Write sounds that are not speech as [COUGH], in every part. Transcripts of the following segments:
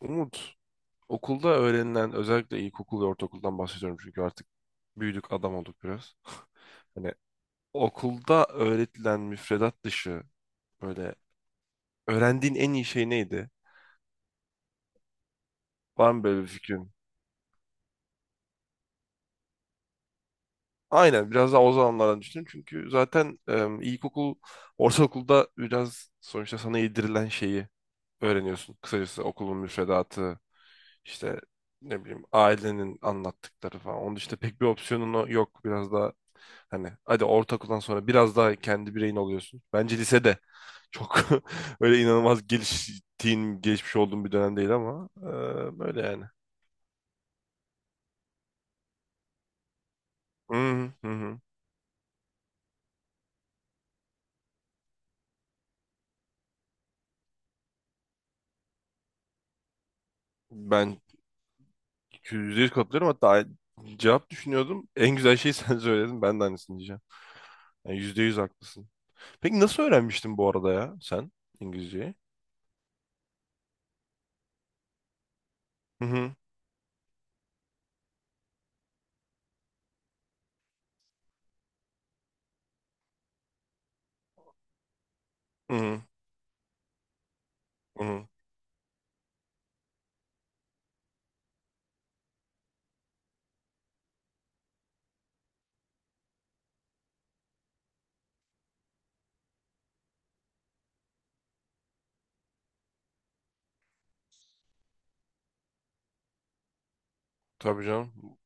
Umut, okulda öğrenilen özellikle ilkokul ve ortaokuldan bahsediyorum çünkü artık büyüdük adam olduk biraz. [LAUGHS] Hani okulda öğretilen müfredat dışı böyle öğrendiğin en iyi şey neydi? Var mı böyle bir fikrin? Aynen biraz daha o zamanlardan düşünün çünkü zaten ilkokul, ortaokulda biraz sonuçta sana yedirilen şeyi öğreniyorsun. Kısacası okulun müfredatı, işte ne bileyim ailenin anlattıkları falan. Onun dışında pek bir opsiyonun yok. Biraz daha hani hadi ortaokuldan sonra biraz daha kendi bireyin oluyorsun. Bence lisede çok [LAUGHS] öyle inanılmaz geliştiğin, gelişmiş olduğum bir dönem değil ama böyle yani. Hı hı hı. Ben %100 katılıyorum. Hatta cevap düşünüyordum. En güzel şeyi [LAUGHS] sen söyledin. Ben de aynısını diyeceğim. Yani %100 haklısın. Peki nasıl öğrenmiştin bu arada ya sen İngilizceyi? Hı hı. Hı hı. Hı hı. Tabii canım.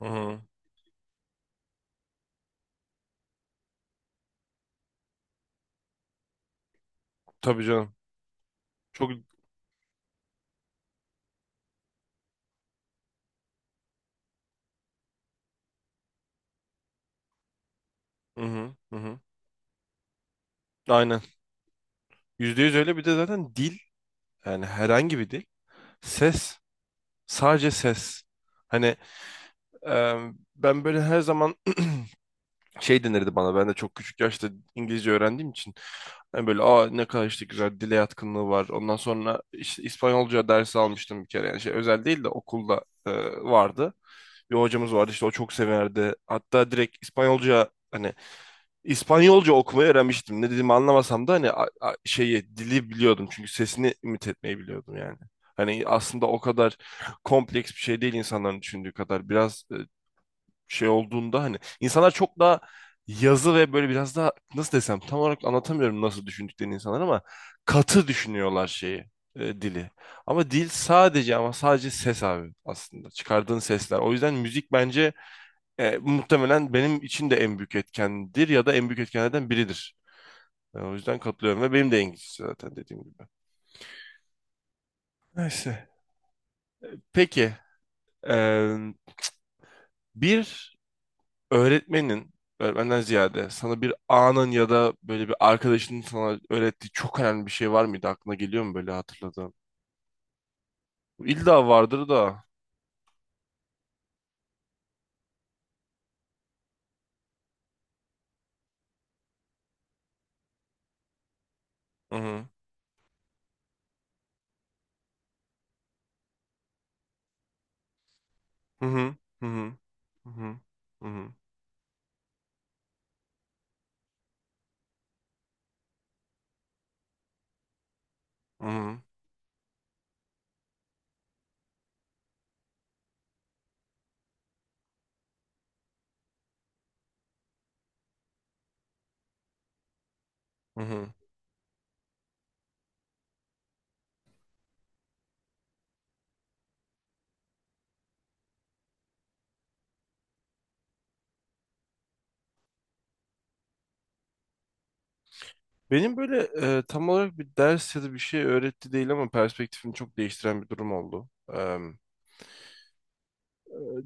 Hı hı. Tabii canım. Çok. Hı hı. Hı hı. Aynen. Yüzde yüz öyle, bir de zaten dil yani herhangi bir dil. Ses. Sadece ses. Hani e, ben böyle her zaman şey denirdi bana. Ben de çok küçük yaşta İngilizce öğrendiğim için. Hani böyle aa ne kadar işte güzel, dile yatkınlığı var. Ondan sonra işte İspanyolca dersi almıştım bir kere. Yani şey özel değil de okulda vardı. Bir hocamız vardı işte o çok severdi. Hatta direkt İspanyolca hani İspanyolca okumayı öğrenmiştim. Ne dediğimi anlamasam da hani şeyi, dili biliyordum çünkü sesini imit etmeyi biliyordum yani. Hani aslında o kadar kompleks bir şey değil insanların düşündüğü kadar. Biraz şey olduğunda hani insanlar çok daha yazı ve böyle biraz daha nasıl desem, tam olarak anlatamıyorum nasıl düşündüklerini insanlar, ama katı düşünüyorlar şeyi, dili. Ama dil sadece, ama sadece ses abi, aslında çıkardığın sesler. O yüzden müzik bence muhtemelen benim için de en büyük etkendir ya da en büyük etkenlerden biridir. Ben o yüzden katılıyorum ve benim de İngilizce, zaten dediğim gibi. Neyse. Peki, e, bir öğretmenin, öğretmenden ziyade sana bir anın ya da böyle bir arkadaşının sana öğrettiği çok önemli bir şey var mıydı? Aklına geliyor mu böyle hatırladığın? İlla vardır da. Hı hı. Hı hı. Hı hı. Hı hı. Hı hı. Hı hı. Hı hı. Benim böyle tam olarak bir ders ya da bir şey öğretti değil ama perspektifimi çok değiştiren bir durum oldu.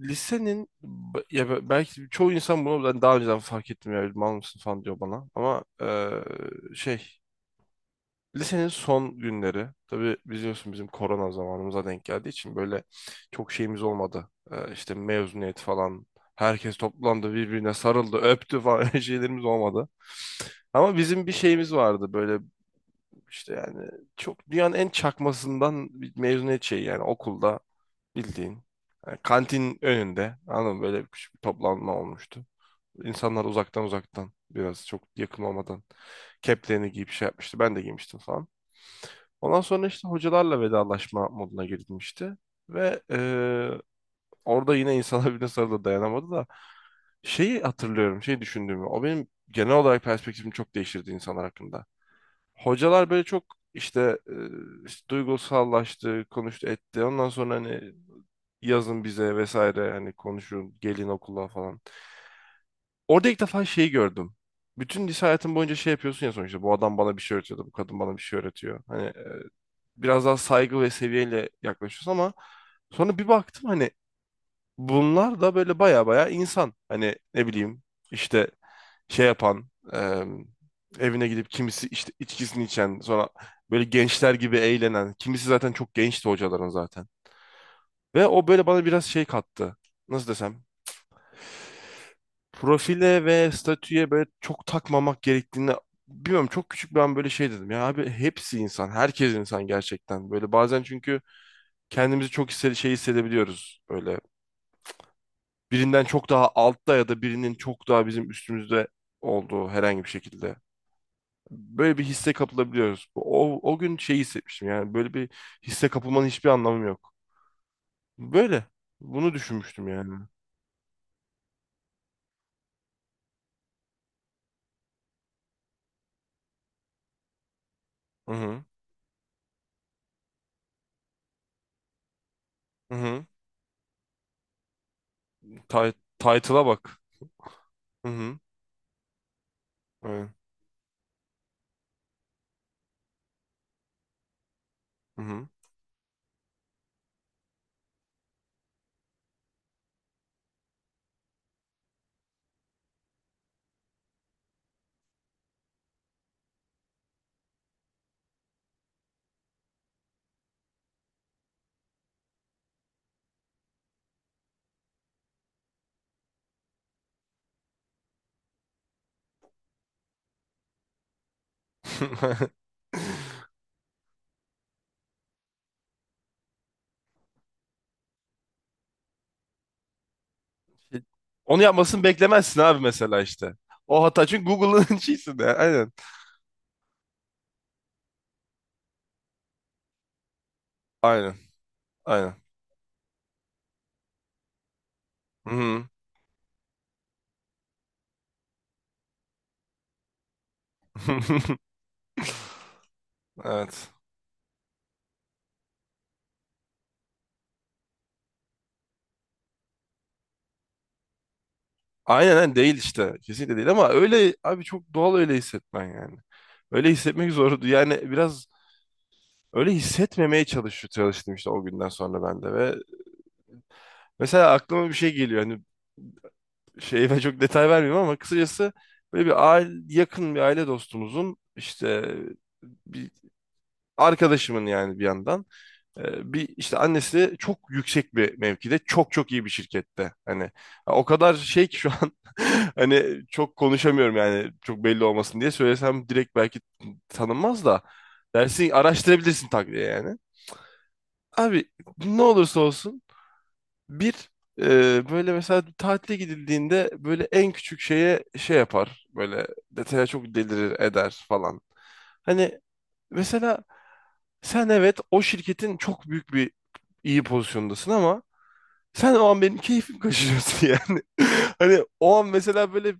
Lisenin belki çoğu insan bunu ben daha önceden fark ettim ya, mal mısın falan diyor bana, ama şey, lisenin son günleri tabii biliyorsun bizim korona zamanımıza denk geldiği için böyle çok şeyimiz olmadı. İşte mezuniyet falan herkes toplandı, birbirine sarıldı, öptü falan [LAUGHS] öyle şeylerimiz olmadı. Ama bizim bir şeyimiz vardı böyle, İşte yani çok, dünyanın en çakmasından bir mezuniyet şeyi yani, okulda bildiğin. Yani kantin önünde, anladın mı? Böyle küçük bir toplanma olmuştu. İnsanlar uzaktan uzaktan, biraz çok yakın olmadan keplerini giyip şey yapmıştı. Ben de giymiştim falan. Ondan sonra işte hocalarla vedalaşma moduna girilmişti. Ve orada yine insanlar birbirine sarıldı, [LAUGHS] dayanamadı da, şeyi hatırlıyorum, şey düşündüğümü. O benim genel olarak perspektifimi çok değiştirdi insanlar hakkında. Hocalar böyle çok işte, işte duygusallaştı, konuştu, etti. Ondan sonra hani yazın bize vesaire, hani konuşun, gelin okula falan. Orada ilk defa şeyi gördüm. Bütün lise hayatım boyunca şey yapıyorsun ya, sonuçta bu adam bana bir şey öğretiyordu, bu kadın bana bir şey öğretiyor. Hani biraz daha saygı ve seviyeyle yaklaşıyorsun ama sonra bir baktım hani bunlar da böyle baya baya insan. Hani ne bileyim işte şey yapan, e, evine gidip kimisi işte içkisini içen, sonra böyle gençler gibi eğlenen, kimisi zaten çok gençti hocaların zaten. Ve o böyle bana biraz şey kattı. Nasıl desem? Profile ve statüye böyle çok takmamak gerektiğini, bilmiyorum çok küçük ben böyle şey dedim. Ya abi hepsi insan, herkes insan gerçekten. Böyle bazen çünkü kendimizi çok şey hissedebiliyoruz böyle. Birinden çok daha altta ya da birinin çok daha bizim üstümüzde olduğu, herhangi bir şekilde. Böyle bir hisse kapılabiliyoruz. O, o gün şey hissetmiştim yani, böyle bir hisse kapılmanın hiçbir anlamı yok. Böyle. Bunu düşünmüştüm yani. Hı hı. Hı hı. Title'a bak. Hı hı. Evet. Hı hı. [LAUGHS] Onu yapmasını beklemezsin abi mesela işte. O hata çünkü Google'ın [LAUGHS] şeysinde. Aynen. Aynen. Aynen. Hı hı. [LAUGHS] Evet. Aynen, aynen değil işte. Kesinlikle değil ama öyle abi, çok doğal öyle hissetmen yani. Öyle hissetmek zordu. Yani biraz öyle hissetmemeye çalıştım işte o günden sonra ben de. Ve mesela aklıma bir şey geliyor hani, şey ve çok detay vermiyorum ama kısacası böyle bir aile, yakın bir aile dostumuzun işte bir arkadaşımın yani, bir yandan bir işte annesi çok yüksek bir mevkide, çok çok iyi bir şirkette hani, ha, o kadar şey ki şu an [LAUGHS] hani çok konuşamıyorum, yani çok belli olmasın diye söylesem, direkt belki tanınmaz da dersin, araştırabilirsin tak diye yani. Abi ne olursa olsun bir böyle mesela tatile gidildiğinde böyle en küçük şeye şey yapar. Böyle detaya çok delirir eder falan. Hani mesela sen, evet o şirketin çok büyük bir iyi pozisyondasın, ama sen o an benim keyfim kaçırıyorsun [LAUGHS] yani. Hani o an mesela böyle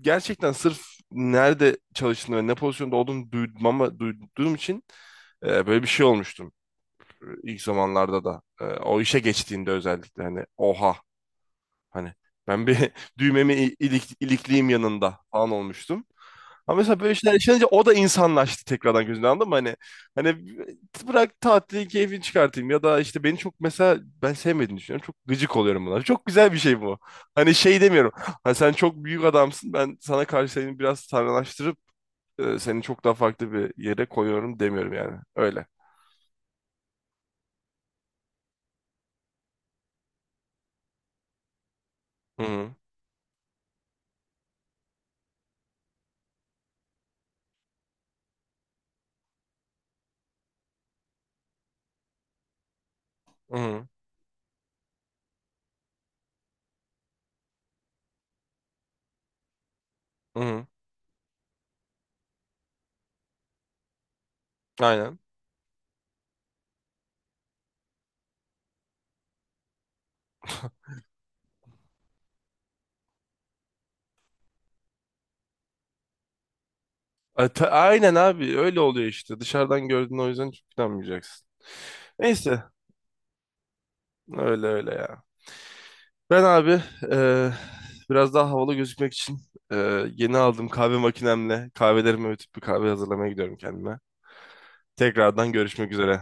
gerçekten sırf nerede çalıştığını ve ne pozisyonda olduğunu duyduğum için böyle bir şey olmuştum ilk zamanlarda da, o işe geçtiğinde özellikle hani oha hani, ben bir [LAUGHS] düğmemi ilikliyim yanında falan olmuştum. Ama mesela böyle şeyler yaşanınca o da insanlaştı tekrardan gözünden, anladın mı? Hani, hani bırak tatili keyfini çıkartayım ya da işte, beni çok mesela, ben sevmediğini düşünüyorum. Çok gıcık oluyorum bunlara. Çok güzel bir şey bu. Hani şey demiyorum. Hani sen çok büyük adamsın, ben sana karşı seni biraz tanrılaştırıp seni çok daha farklı bir yere koyuyorum demiyorum yani. Öyle. Hı hı. Hı hı. Hı hı. Aynen. Aynen abi öyle oluyor işte. Dışarıdan gördüğün o yüzden çok inanmayacaksın. Neyse öyle öyle ya. Ben abi e, biraz daha havalı gözükmek için e, yeni aldığım kahve makinemle kahvelerimi öğütüp bir kahve hazırlamaya gidiyorum kendime. Tekrardan görüşmek üzere.